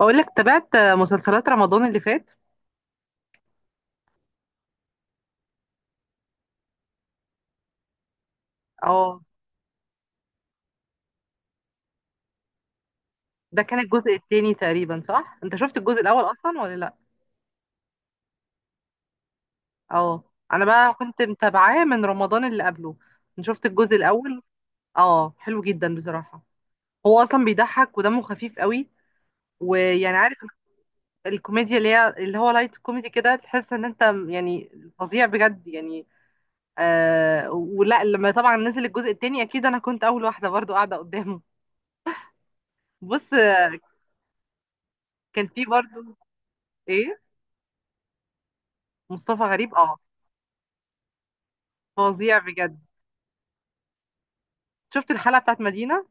بقول لك تابعت مسلسلات رمضان اللي فات. اه. ده كان الجزء التاني تقريبا، صح؟ انت شفت الجزء الاول اصلا ولا لا؟ اه. انا بقى كنت متابعاه من رمضان اللي قبله. انا شفت الجزء الاول. اه، حلو جدا بصراحة. هو اصلا بيضحك ودمه خفيف قوي. ويعني عارف الكوميديا اللي هو لايت كوميدي كده، تحس ان انت يعني فظيع بجد يعني. ولا لما طبعا نزل الجزء التاني اكيد انا كنت اول واحدة برضو قاعدة قدامه. بص. كان في برضو ايه، مصطفى غريب، اه فظيع بجد. شفت الحلقة بتاعت مدينة؟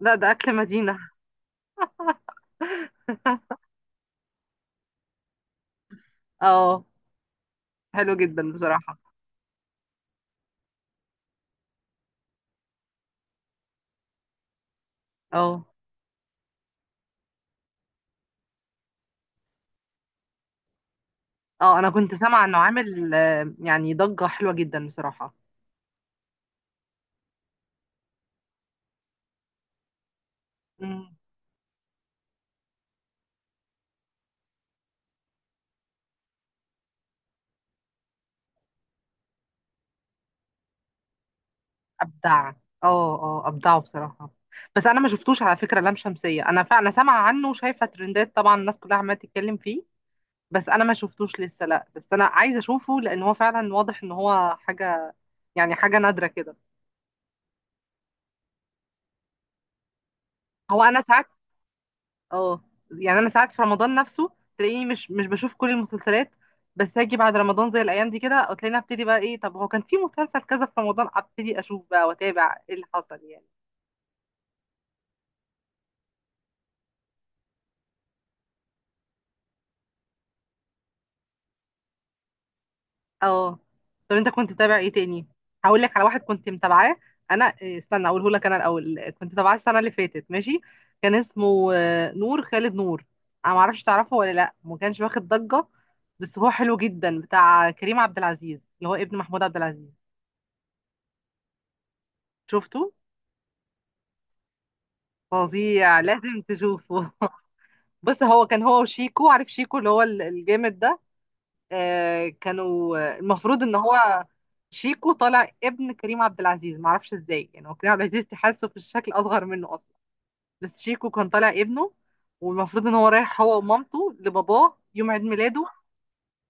لا ده اكل مدينة. اه، حلو جدا بصراحة. اه اه. انا كنت سامعة انه عامل يعني ضجة حلوة جدا بصراحة. مم. ابدع اه. اه ابدعه بصراحة. بس انا ما شفتوش على فكرة لام شمسية، انا فعلا سامعة عنه وشايفة ترندات طبعا الناس كلها عمالة تتكلم فيه. بس انا ما شفتوش لسه، لا بس انا عايزة اشوفه لان هو فعلا واضح ان هو حاجة يعني حاجة نادرة كده. هو انا ساعات، اه، يعني انا ساعات في رمضان نفسه تلاقيني مش بشوف كل المسلسلات، بس هاجي بعد رمضان زي الايام دي كده تلاقيني ابتدي بقى ايه، طب هو كان في مسلسل كذا في رمضان، ابتدي اشوف بقى واتابع ايه اللي حصل يعني. اه. طب انت كنت متابع ايه تاني؟ هقول لك على واحد كنت متابعاه. انا استنى اقوله لك. انا الاول كنت متابعاه السنه اللي فاتت ماشي، كان اسمه نور، خالد نور. انا ما اعرفش تعرفه ولا لا، ما كانش واخد ضجه بس هو حلو جدا، بتاع كريم عبد العزيز اللي هو ابن محمود عبد العزيز. شفته؟ فظيع، لازم تشوفه. بص، هو كان هو وشيكو، عارف شيكو اللي هو الجامد ده، آه كانوا المفروض ان هو شيكو طالع ابن كريم عبد العزيز، معرفش ازاي يعني هو كريم عبد العزيز تحسه في الشكل اصغر منه اصلا بس شيكو كان طالع ابنه. والمفروض ان هو رايح هو ومامته لباباه يوم عيد ميلاده.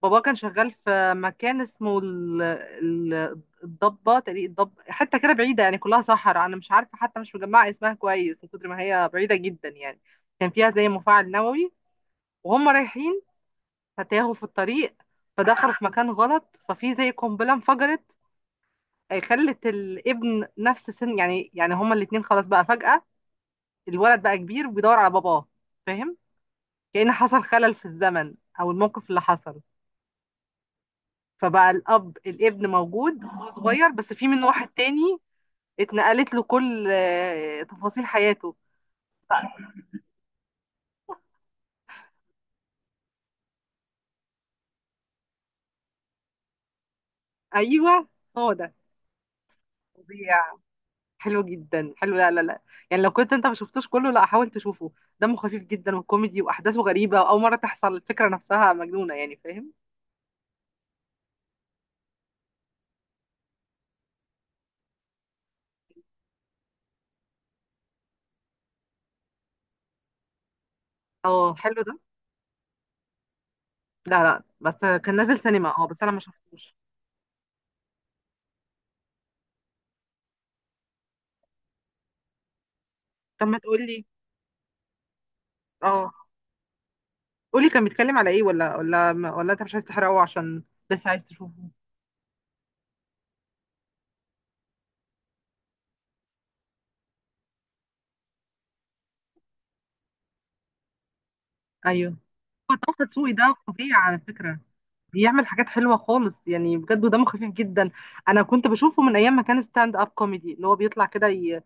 بابا كان شغال في مكان اسمه الضبة تقريبا، الضب، حتة كده بعيدة يعني كلها صحراء، أنا مش عارفة حتى مش مجمعة اسمها كويس من كتر ما هي بعيدة جدا يعني. كان فيها زي مفاعل نووي، وهم رايحين فتاهوا في الطريق فدخلوا في مكان غلط ففي زي قنبلة انفجرت خلت الابن نفس سن يعني، يعني هما الاتنين خلاص بقى فجأة الولد بقى كبير وبيدور على باباه، فاهم؟ كأن حصل خلل في الزمن أو الموقف اللي حصل، فبقى الاب الابن موجود وهو صغير بس في منه واحد تاني، اتنقلت له كل تفاصيل حياته. ايوه هو ده. فظيع، حلو جدا، حلو، لا لا لا، يعني لو كنت انت ما شفتوش كله لا حاول تشوفه. دمه خفيف جدا وكوميدي واحداثه غريبه واول مره تحصل الفكره نفسها مجنونه يعني، فاهم؟ اه حلو ده. لا لا بس كان نازل سينما، اه بس انا ما شفتوش. طب ما تقولي، اه قولي، كان بيتكلم على ايه؟ ولا انت مش عايز تحرقه عشان لسه عايز تشوفه؟ ايوه. هو طه دسوقي ده فظيع على فكرة، بيعمل حاجات حلوة خالص يعني بجد ودمه خفيف جدا. أنا كنت بشوفه من أيام ما كان ستاند أب كوميدي، اللي هو بيطلع كده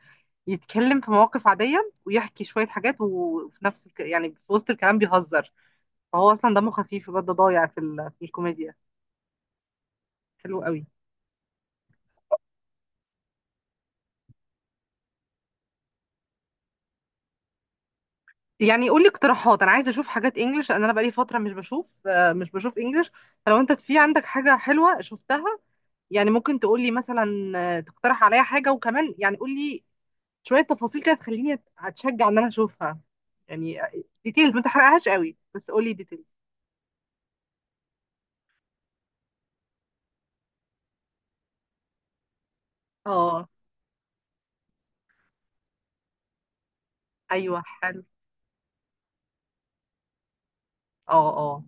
يتكلم في مواقف عادية ويحكي شوية حاجات وفي نفس يعني في وسط الكلام بيهزر. فهو أصلا دمه خفيف بجد، ضايع في في الكوميديا. حلو قوي. يعني قول لي اقتراحات، أنا عايزة أشوف حاجات إنجلش لأن أنا بقالي فترة مش بشوف، مش بشوف إنجلش، فلو أنت في عندك حاجة حلوة شفتها يعني ممكن تقول لي مثلا تقترح عليا حاجة، وكمان يعني قول لي شويه تفاصيل كده تخليني اتشجع ان انا اشوفها يعني. ديتيلز ما تحرقهاش قوي بس قولي ديتيلز. اه. ايوه حلو. اه اه.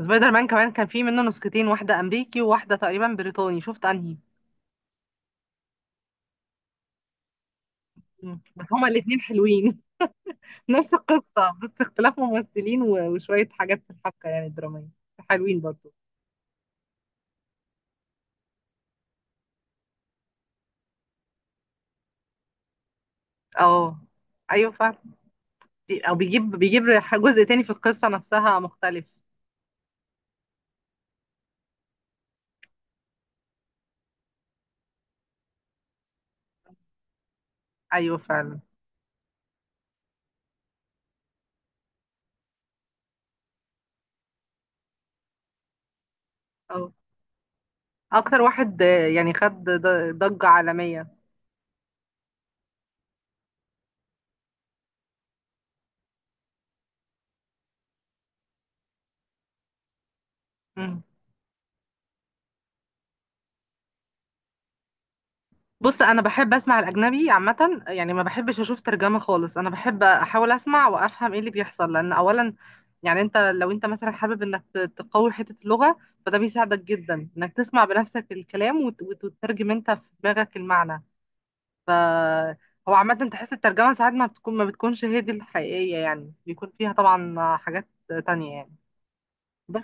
سبايدر مان كمان كان في منه نسختين، واحده امريكي وواحده تقريبا بريطاني، شفت انهي؟ مم. بس هما الاثنين حلوين. نفس القصه بس اختلاف ممثلين وشويه حاجات في الحبكه يعني الدراميه. حلوين برضو. اه ايوه فعلا. او بيجيب جزء تاني في القصه نفسها مختلف. ايوه فعلا. اه اكتر واحد يعني خد ضجة عالمية. مم. بص انا بحب اسمع الاجنبي عامة، يعني ما بحبش اشوف ترجمة خالص، انا بحب احاول اسمع وافهم ايه اللي بيحصل لان اولا يعني انت لو انت مثلا حابب انك تقوي حتة اللغة فده بيساعدك جدا انك تسمع بنفسك الكلام وتترجم انت في دماغك المعنى. ف هو عامة تحس الترجمة ساعات ما بتكونش هي دي الحقيقية يعني بيكون فيها طبعا حاجات تانية يعني. بس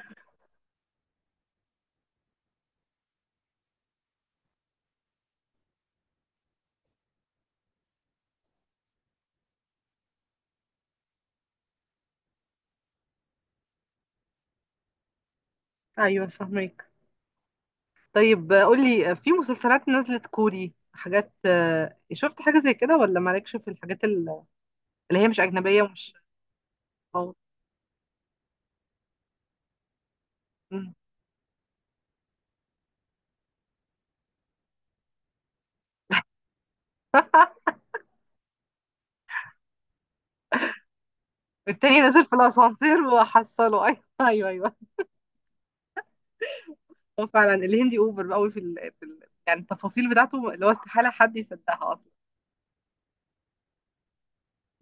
ايوه فاهمك. طيب قولي، في مسلسلات نزلت كوري حاجات شفت حاجة زي كده ولا مالكش في الحاجات اللي هي مش أجنبية ومش، أو مم. التاني نازل في الأسانسير وحصله. أيوه أيوه أيوه. هو فعلا الهندي أوفر قوي في في يعني التفاصيل بتاعته اللي هو استحالة حد يصدقها أصلا،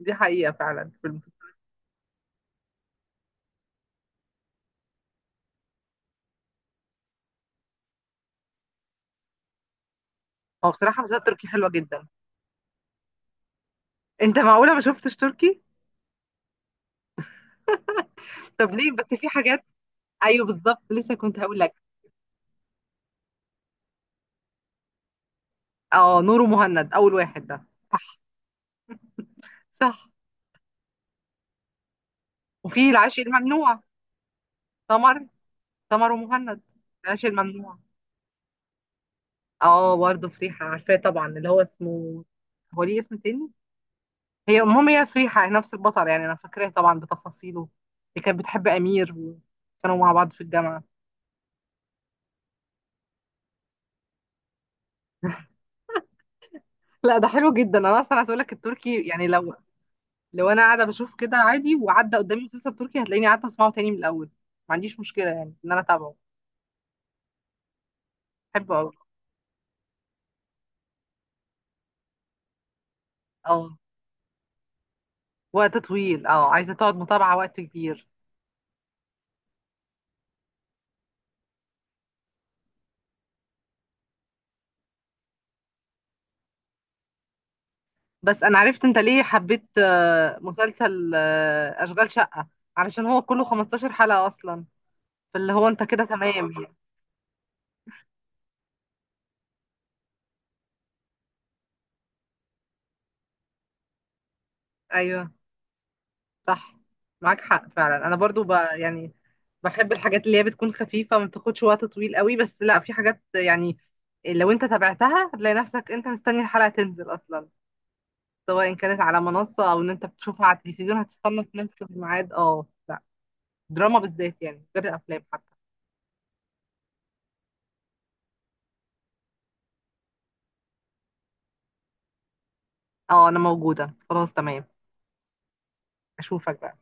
دي حقيقة فعلا في هو بصراحة مسلسلات تركي حلوة جدا. أنت معقولة ما شفتش تركي؟ طب ليه بس في حاجات، أيوه بالظبط لسه كنت هقول لك. أه نور، مهند، أول واحد ده. صح. صح. وفي العاشق الممنوع. تمر، تمر ومهند. العيش الممنوع. اه برضه فريحة عارفاه طبعا، اللي هو اسمه، هو ليه اسم تاني، هي المهم هي فريحة، هي نفس البطل يعني انا فاكراه طبعا بتفاصيله، اللي كانت بتحب امير وكانوا مع بعض في الجامعة. لا ده حلو جدا، انا اصلا عايز اقول لك التركي يعني لو، لو انا قاعدة بشوف كده عادي وعدى قدامي مسلسل تركي هتلاقيني قاعدة اسمعه تاني من الاول. ما عنديش مشكلة يعني ان انا اتابعه، بحبه قوي. اه وقت طويل اه، عايزة تقعد متابعة وقت كبير. بس انا عرفت انت ليه حبيت مسلسل اشغال شقة، علشان هو كله 15 حلقة اصلا، فاللي هو انت كده تمام يعني. ايوه صح. معاك حق فعلا، انا برضو يعني بحب الحاجات اللي هي بتكون خفيفة ما بتاخدش وقت طويل قوي، بس لا في حاجات يعني لو انت تابعتها هتلاقي نفسك انت مستني الحلقة تنزل اصلا، سواء كانت على منصة او ان انت بتشوفها على التلفزيون هتستنى في نفس الميعاد. اه لا دراما بالذات يعني، غير الافلام حتى. اه انا موجودة، خلاص تمام، اشوفك بقى.